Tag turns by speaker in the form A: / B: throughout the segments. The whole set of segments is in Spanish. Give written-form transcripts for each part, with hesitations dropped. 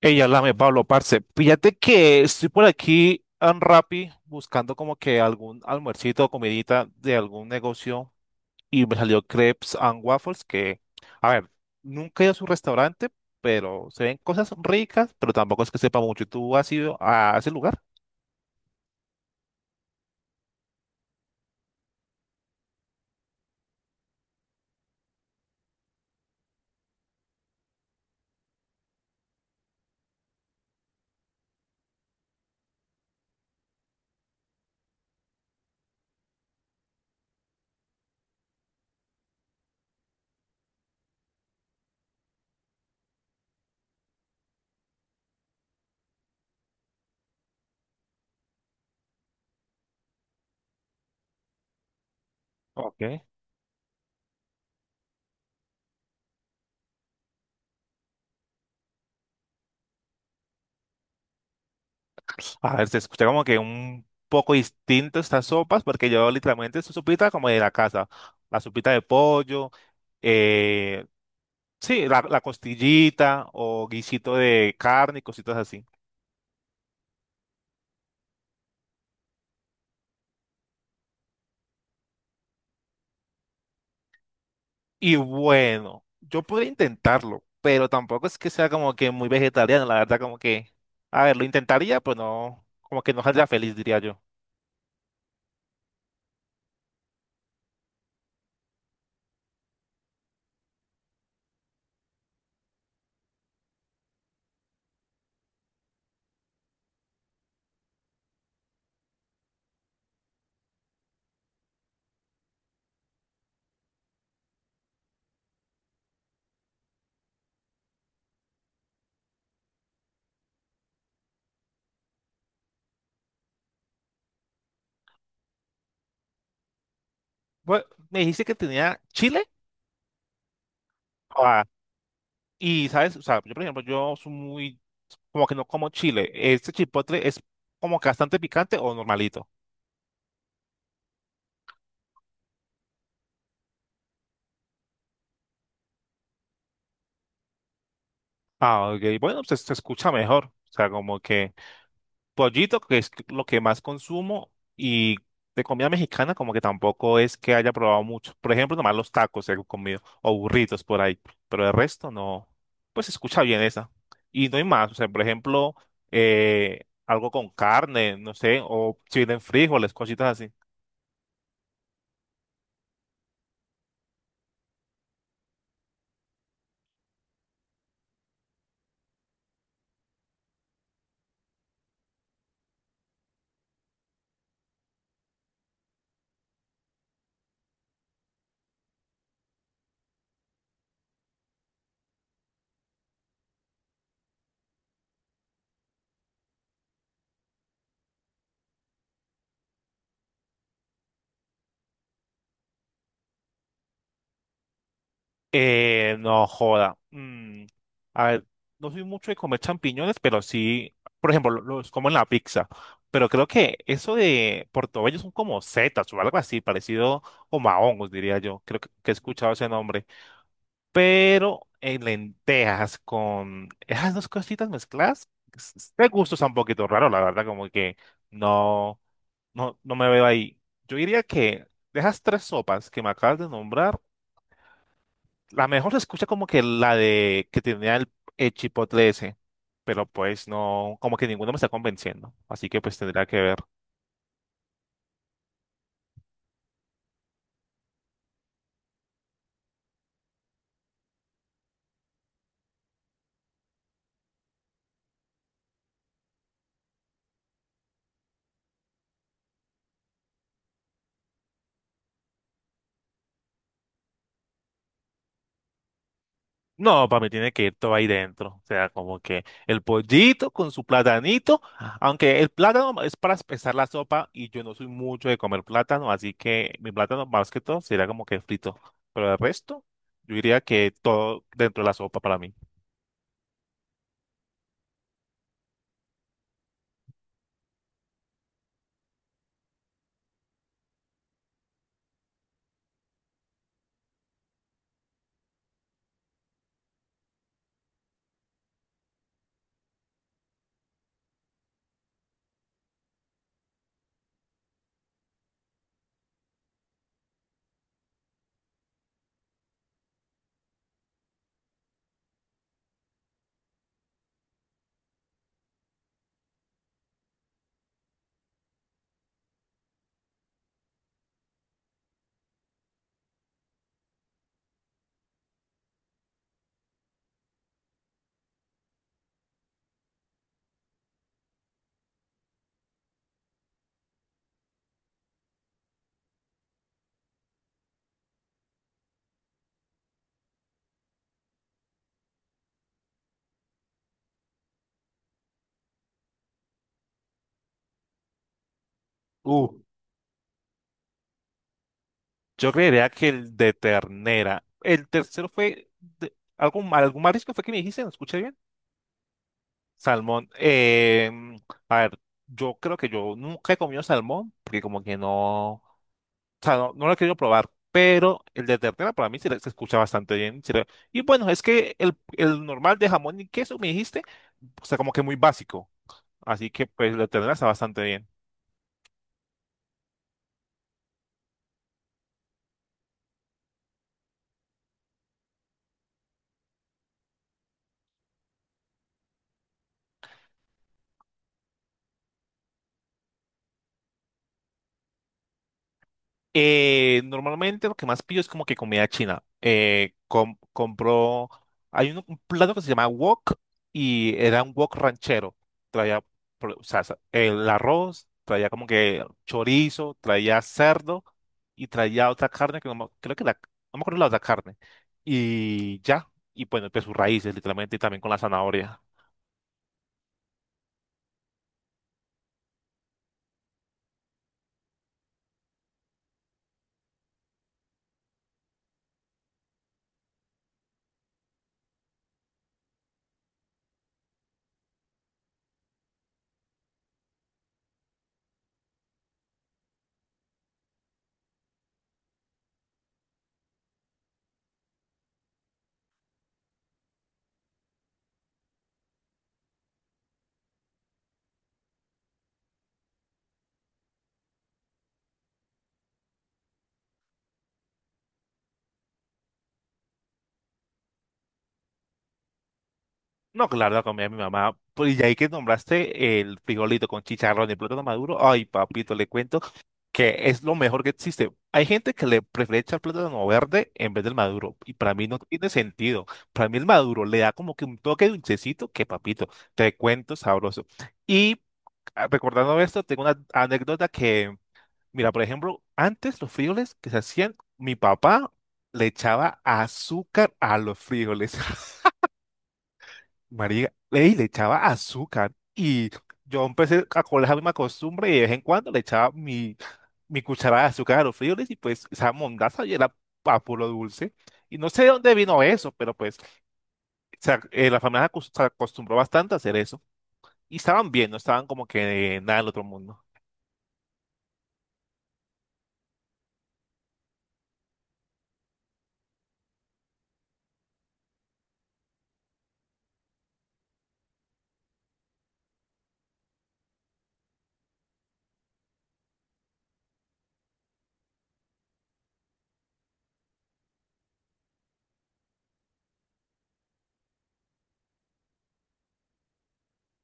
A: Ella lame, Pablo, parce. Fíjate que estoy por aquí en Rappi buscando como que algún almuercito o comidita de algún negocio y me salió Crepes and Waffles que, a ver, nunca he ido a su restaurante, pero se ven cosas ricas, pero tampoco es que sepa mucho. ¿Tú has ido a ese lugar? Ok. A ver, se escucha como que un poco distinto estas sopas, porque yo literalmente es sopita como de la casa. La sopita de pollo, eh, sí, la costillita o guisito de carne y cositas así. Y bueno, yo podría intentarlo, pero tampoco es que sea como que muy vegetariano, la verdad, como que, a ver, lo intentaría, pero no, como que no saldría feliz, diría yo. Bueno, me dijiste que tenía chile. Ah, y sabes, o sea, yo por ejemplo, yo soy muy, como que no como chile. ¿Este chipotle es como que bastante picante o normalito? Ah, ok, bueno, pues se escucha mejor. O sea, como que pollito, que es lo que más consumo, y de comida mexicana como que tampoco es que haya probado mucho. Por ejemplo, nomás los tacos he comido, o burritos por ahí, pero el resto no, pues se escucha bien esa. Y no hay más, o sea, por ejemplo, algo con carne, no sé, o si vienen frijoles, cositas así. No joda. A ver, no soy mucho de comer champiñones, pero sí, por ejemplo, los como en la pizza. Pero creo que eso de portobello son como setas o algo así, parecido como a hongos, diría yo. Creo que he escuchado ese nombre. Pero en lentejas con esas dos cositas mezcladas, de gusto está un poquito raro, la verdad, como que no, no, no me veo ahí. Yo diría que de esas tres sopas que me acabas de nombrar, la mejor se escucha como que la de que tenía el chipotle ese, pero pues no, como que ninguno me está convenciendo, así que pues tendría que ver. No, para mí tiene que ir todo ahí dentro. O sea, como que el pollito con su platanito, aunque el plátano es para espesar la sopa y yo no soy mucho de comer plátano, así que mi plátano más que todo sería como que frito. Pero el resto, yo diría que todo dentro de la sopa para mí. Uh, yo creería que el de ternera. El tercero fue de- algún, algún marisco fue que me dijiste, ¿no escuché bien? Salmón. A ver, yo creo que yo nunca he comido salmón, porque como que no, o sea, no, no lo he querido probar, pero el de ternera para mí se escucha bastante bien. Y bueno, es que el normal de jamón y queso, me dijiste, o sea, como que muy básico. Así que pues el de ternera está bastante bien. Normalmente lo que más pillo es como que comida china. Compro, hay un plato que se llama wok y era un wok ranchero. Traía el arroz, traía como que chorizo, traía cerdo y traía otra carne que no me- creo que no me acuerdo la otra carne. Y ya, y bueno, pues sus raíces literalmente y también con la zanahoria. No, claro, la comida de mi mamá. Pues, y ahí que nombraste el frijolito con chicharrón y plátano maduro. Ay, papito, le cuento que es lo mejor que existe. Hay gente que le prefiere echar plátano verde en vez del maduro, y para mí no tiene sentido. Para mí el maduro le da como que un toque dulcecito que papito, te cuento sabroso. Y ah, recordando esto, tengo una anécdota que, mira, por ejemplo, antes los frijoles que se hacían, mi papá le echaba azúcar a los frijoles. María, ey, le echaba azúcar y yo empecé a coger la misma costumbre y de vez en cuando le echaba mi cucharada de azúcar a los frijoles y pues esa mondaza y era a puro dulce. Y no sé de dónde vino eso, pero pues la familia se acostumbró bastante a hacer eso. Y estaban bien, no estaban como que nada del otro mundo.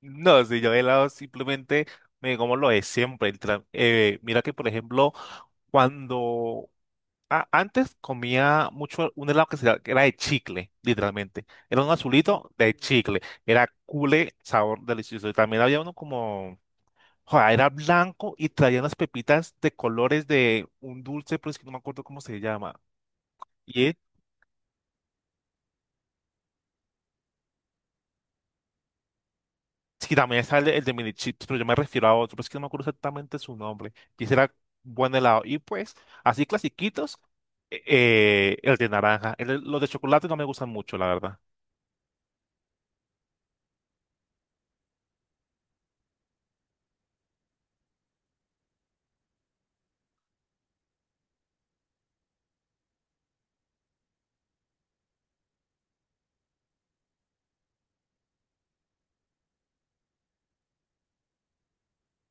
A: No, si yo de helado simplemente me como lo de siempre. Literal. Mira que, por ejemplo, cuando antes comía mucho un helado que era de chicle, literalmente. Era un azulito de chicle. Era cule, sabor delicioso. Y también había uno como joder, era blanco y traía unas pepitas de colores de un dulce, pero es que no me acuerdo cómo se llama. Y es, sí, también sale el de mini chips, pero yo me refiero a otro, pero es que no me acuerdo exactamente su nombre. Y ese era buen helado. Y pues, así clasiquitos, el de naranja. Los de chocolate no me gustan mucho, la verdad.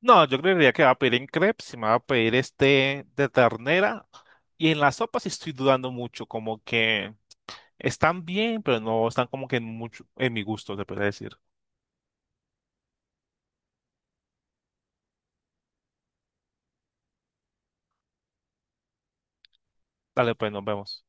A: No, yo creería que va a pedir en crepes y me va a pedir este de ternera. Y en la sopa sí estoy dudando mucho, como que están bien, pero no están como que en mucho en mi gusto, se puede decir. Dale, pues nos vemos.